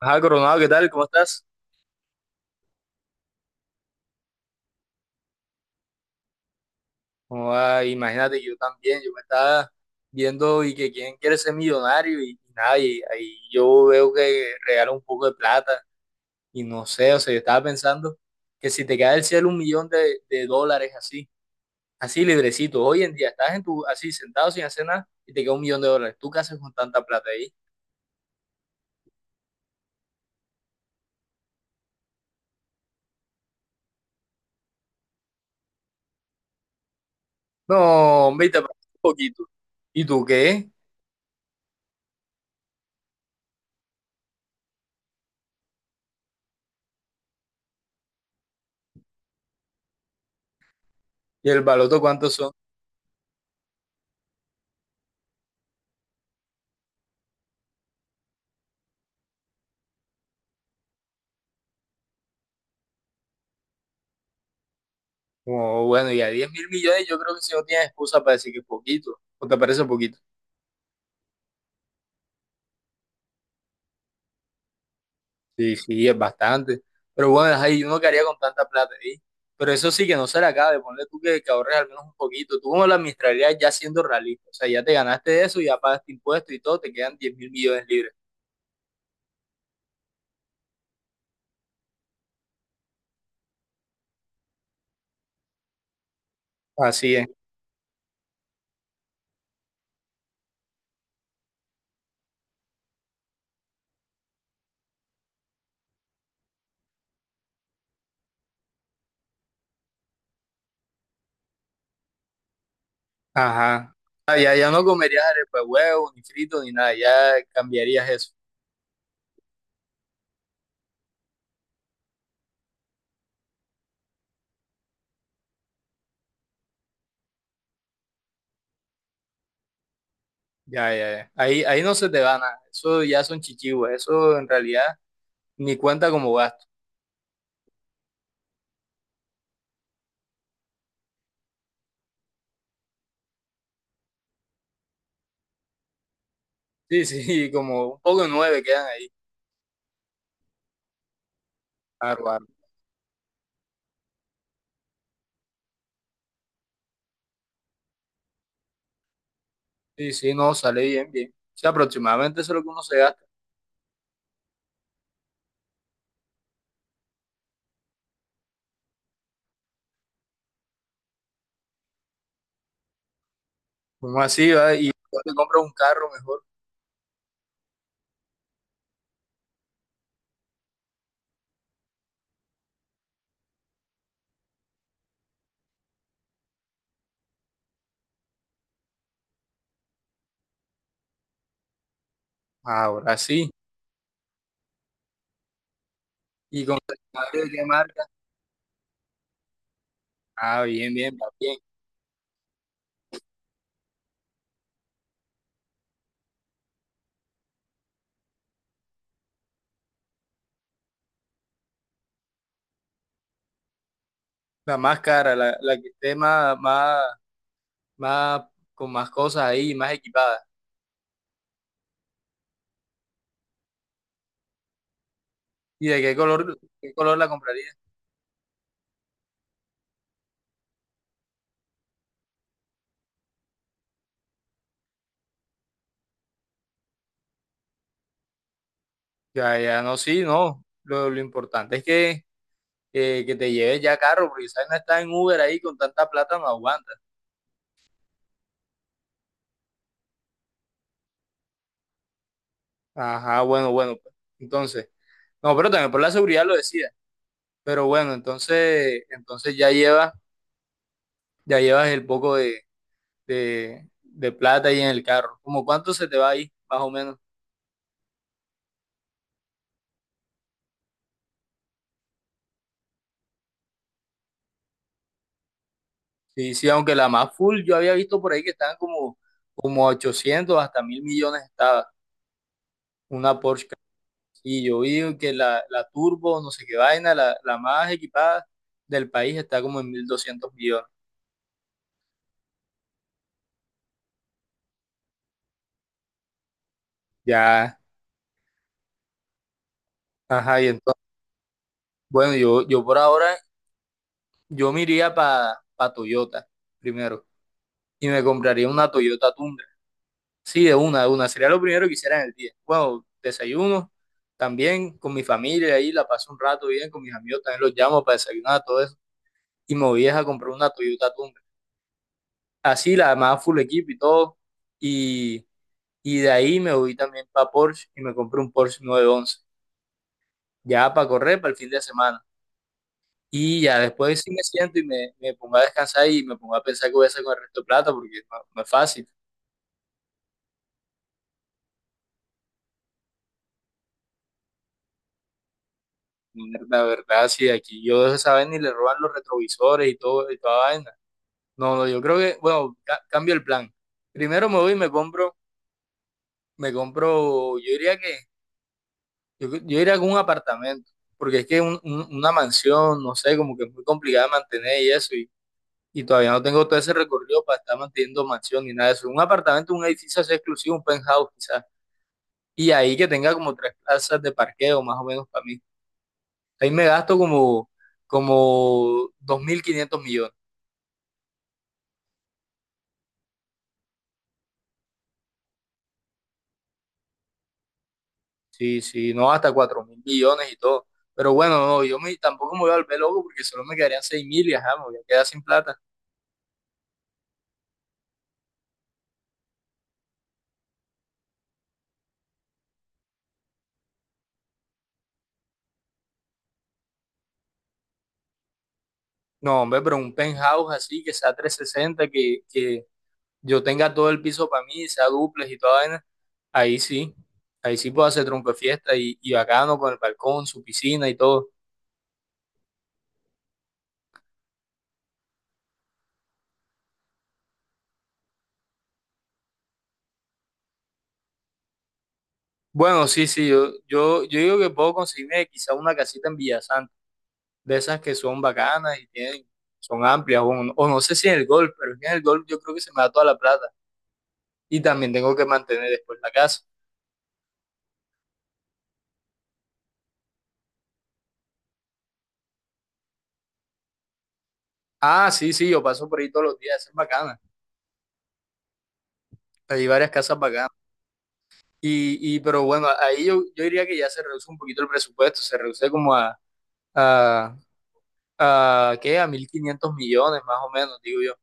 Ajá, Coronado, ¿qué tal? ¿Cómo estás? ¿Cómo va? Imagínate, yo también, yo me estaba viendo y que quién quiere ser millonario y nada, y ahí yo veo que regala un poco de plata y no sé, o sea, yo estaba pensando que si te cae del cielo un millón de dólares así, así librecito, hoy en día estás en tu, así sentado sin hacer nada y te queda un millón de dólares, ¿tú qué haces con tanta plata ahí? No, hombre, y te parece un poquito. ¿Y tú qué? ¿Y el baloto cuánto son? Como, bueno, y a 10.000 millones yo creo que si no tienes excusa para decir que es poquito, o te parece poquito. Sí, sí, es bastante. Pero bueno, ahí uno que haría con tanta plata ahí. Pero eso sí que no se le acaba de tú que ahorres al menos un poquito. Tú como la administrarías ya siendo realista. O sea, ya te ganaste eso, ya pagaste impuestos y todo, te quedan 10.000 millones libres. Así es. Ajá. Ah, ya, ya no comerías arepa de huevo, ni frito, ni nada. Ya cambiarías eso. Ya, ya, ya. Ahí, ahí no se te va nada. Eso ya son chichivos. Eso en realidad ni cuenta como gasto. Sí, sí, como un poco de nueve quedan ahí. Claro, claro. Sí, sí, no, sale bien, bien. O sea, aproximadamente eso es lo que uno se gasta. Uno así va y te compras un carro mejor. Ahora sí. ¿Y con de qué marca? Ah, bien, bien, va bien. La más cara, la que esté más, con más cosas ahí, más equipada. ¿Y de qué color la comprarías? Ya, ya, no, sí, no. Lo importante es que te lleves ya carro, porque sabes, no estar en Uber ahí con tanta plata, no aguanta. Ajá, bueno, bueno, pues. Entonces, no, pero también por la seguridad lo decía. Pero bueno, entonces ya llevas el poco de plata ahí en el carro. ¿Cómo cuánto se te va ahí, más o menos? Sí, sí, aunque la más full, yo había visto por ahí que estaban como 800 hasta 1.000 millones estaba una Porsche. Y yo vi que la turbo, no sé qué vaina, la más equipada del país está como en 1.200 millones. Ya, ajá, y entonces, bueno, yo por ahora. Yo me iría para pa Toyota primero y me compraría una Toyota Tundra. Sí, de una, de una. Sería lo primero que hiciera en el día. Bueno, desayuno también con mi familia ahí, la paso un rato bien con mis amigos, también los llamo para desayunar, todo eso. Y me voy a comprar una Toyota Tundra. Así, la demás full equipo y todo. Y, y de ahí me voy también para Porsche y me compré un Porsche 911. Ya para correr para el fin de semana. Y ya después sí me siento y me pongo a descansar y me pongo a pensar qué voy a hacer con el resto de plata porque no es fácil. La verdad, sí, aquí yo de esa vez ni le roban los retrovisores y todo, y toda vaina. No, no, yo creo que, bueno, cambio el plan. Primero me voy y me compro, yo diría que, yo iría con un apartamento, porque es que una mansión, no sé, como que es muy complicada de mantener y eso, y todavía no tengo todo ese recorrido para estar manteniendo mansión ni nada de eso. Un apartamento, un edificio así exclusivo, un penthouse quizás, y ahí que tenga como tres plazas de parqueo más o menos para mí. Ahí me gasto como 2.500 millones. Sí, sí, no, hasta 4.000 millones y todo. Pero bueno, no, tampoco me voy a volver loco porque solo me quedarían 6.000 y ajá, me voy a quedar sin plata. No, hombre, pero un penthouse así que sea 360 que yo tenga todo el piso para mí, sea duples y toda vaina, ahí sí, ahí sí puedo hacer tronco de fiesta y bacano con el balcón, su piscina y todo. Bueno, sí, sí, yo digo que puedo conseguirme quizá una casita en Villasanta, de esas que son bacanas y tienen, son amplias, o no sé si en el golf, pero es que en el golf yo creo que se me da toda la plata. Y también tengo que mantener después la casa. Ah, sí, sí, yo paso por ahí todos los días, esa es bacana. Hay varias casas bacanas. Y pero bueno, ahí yo diría que ya se reduce un poquito el presupuesto, se reduce como a, a ¿qué? A 1.500 millones más o menos, digo yo.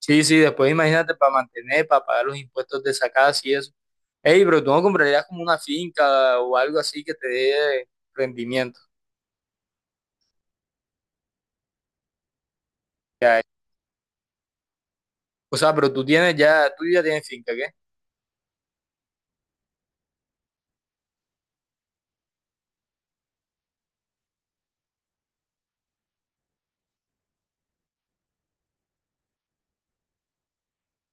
Sí, sí, después imagínate para mantener, para pagar los impuestos de esa casa y eso. Ey, pero tú no comprarías como una finca o algo así que te dé rendimiento. Ya, o sea, pero tú ya tienes finca, ¿qué?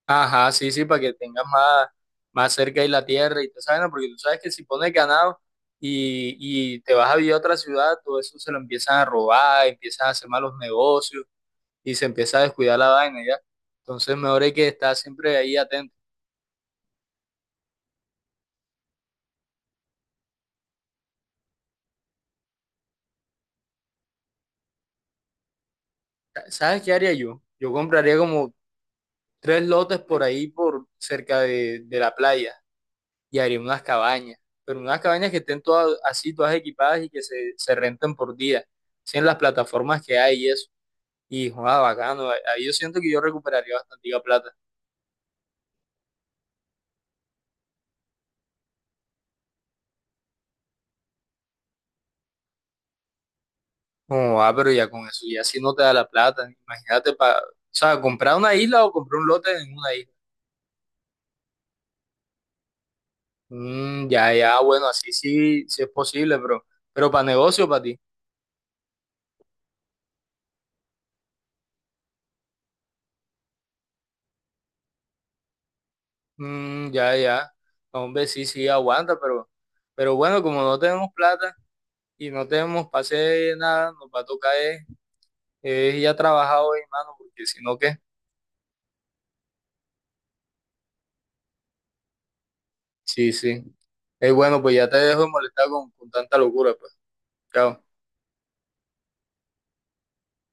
Ajá, sí, sí, para que tengas más cerca ahí la tierra y te saben, porque tú sabes que si pones ganado y, y te vas a vivir a otra ciudad, todo eso se lo empiezan a robar, empiezan a hacer malos negocios y se empieza a descuidar la vaina ya. Entonces, mejor hay que estar siempre ahí atento. ¿Sabes qué haría yo? Yo compraría como tres lotes por ahí, por cerca de la playa y haría unas cabañas, pero unas cabañas que estén todas así, todas equipadas y que se renten por día, sin las plataformas que hay y eso. Y joda, bacano. Ahí yo siento que yo recuperaría bastante plata. Como, ah, pero ya con eso, ya si no te da la plata, imagínate para, o sea, comprar una isla o comprar un lote en una isla. Mm, ya, ya, bueno, así sí, sí es posible, pero para negocio, para ti. Mm, ya, ya. No, hombre, sí, sí, aguanta, pero bueno, como no tenemos plata y no tenemos pase nada, nos va a tocar es ya trabajar hoy, mano, porque si no, ¿qué? Sí, sí. Es bueno, pues ya te dejo de molestar con tanta locura, pues. Chao.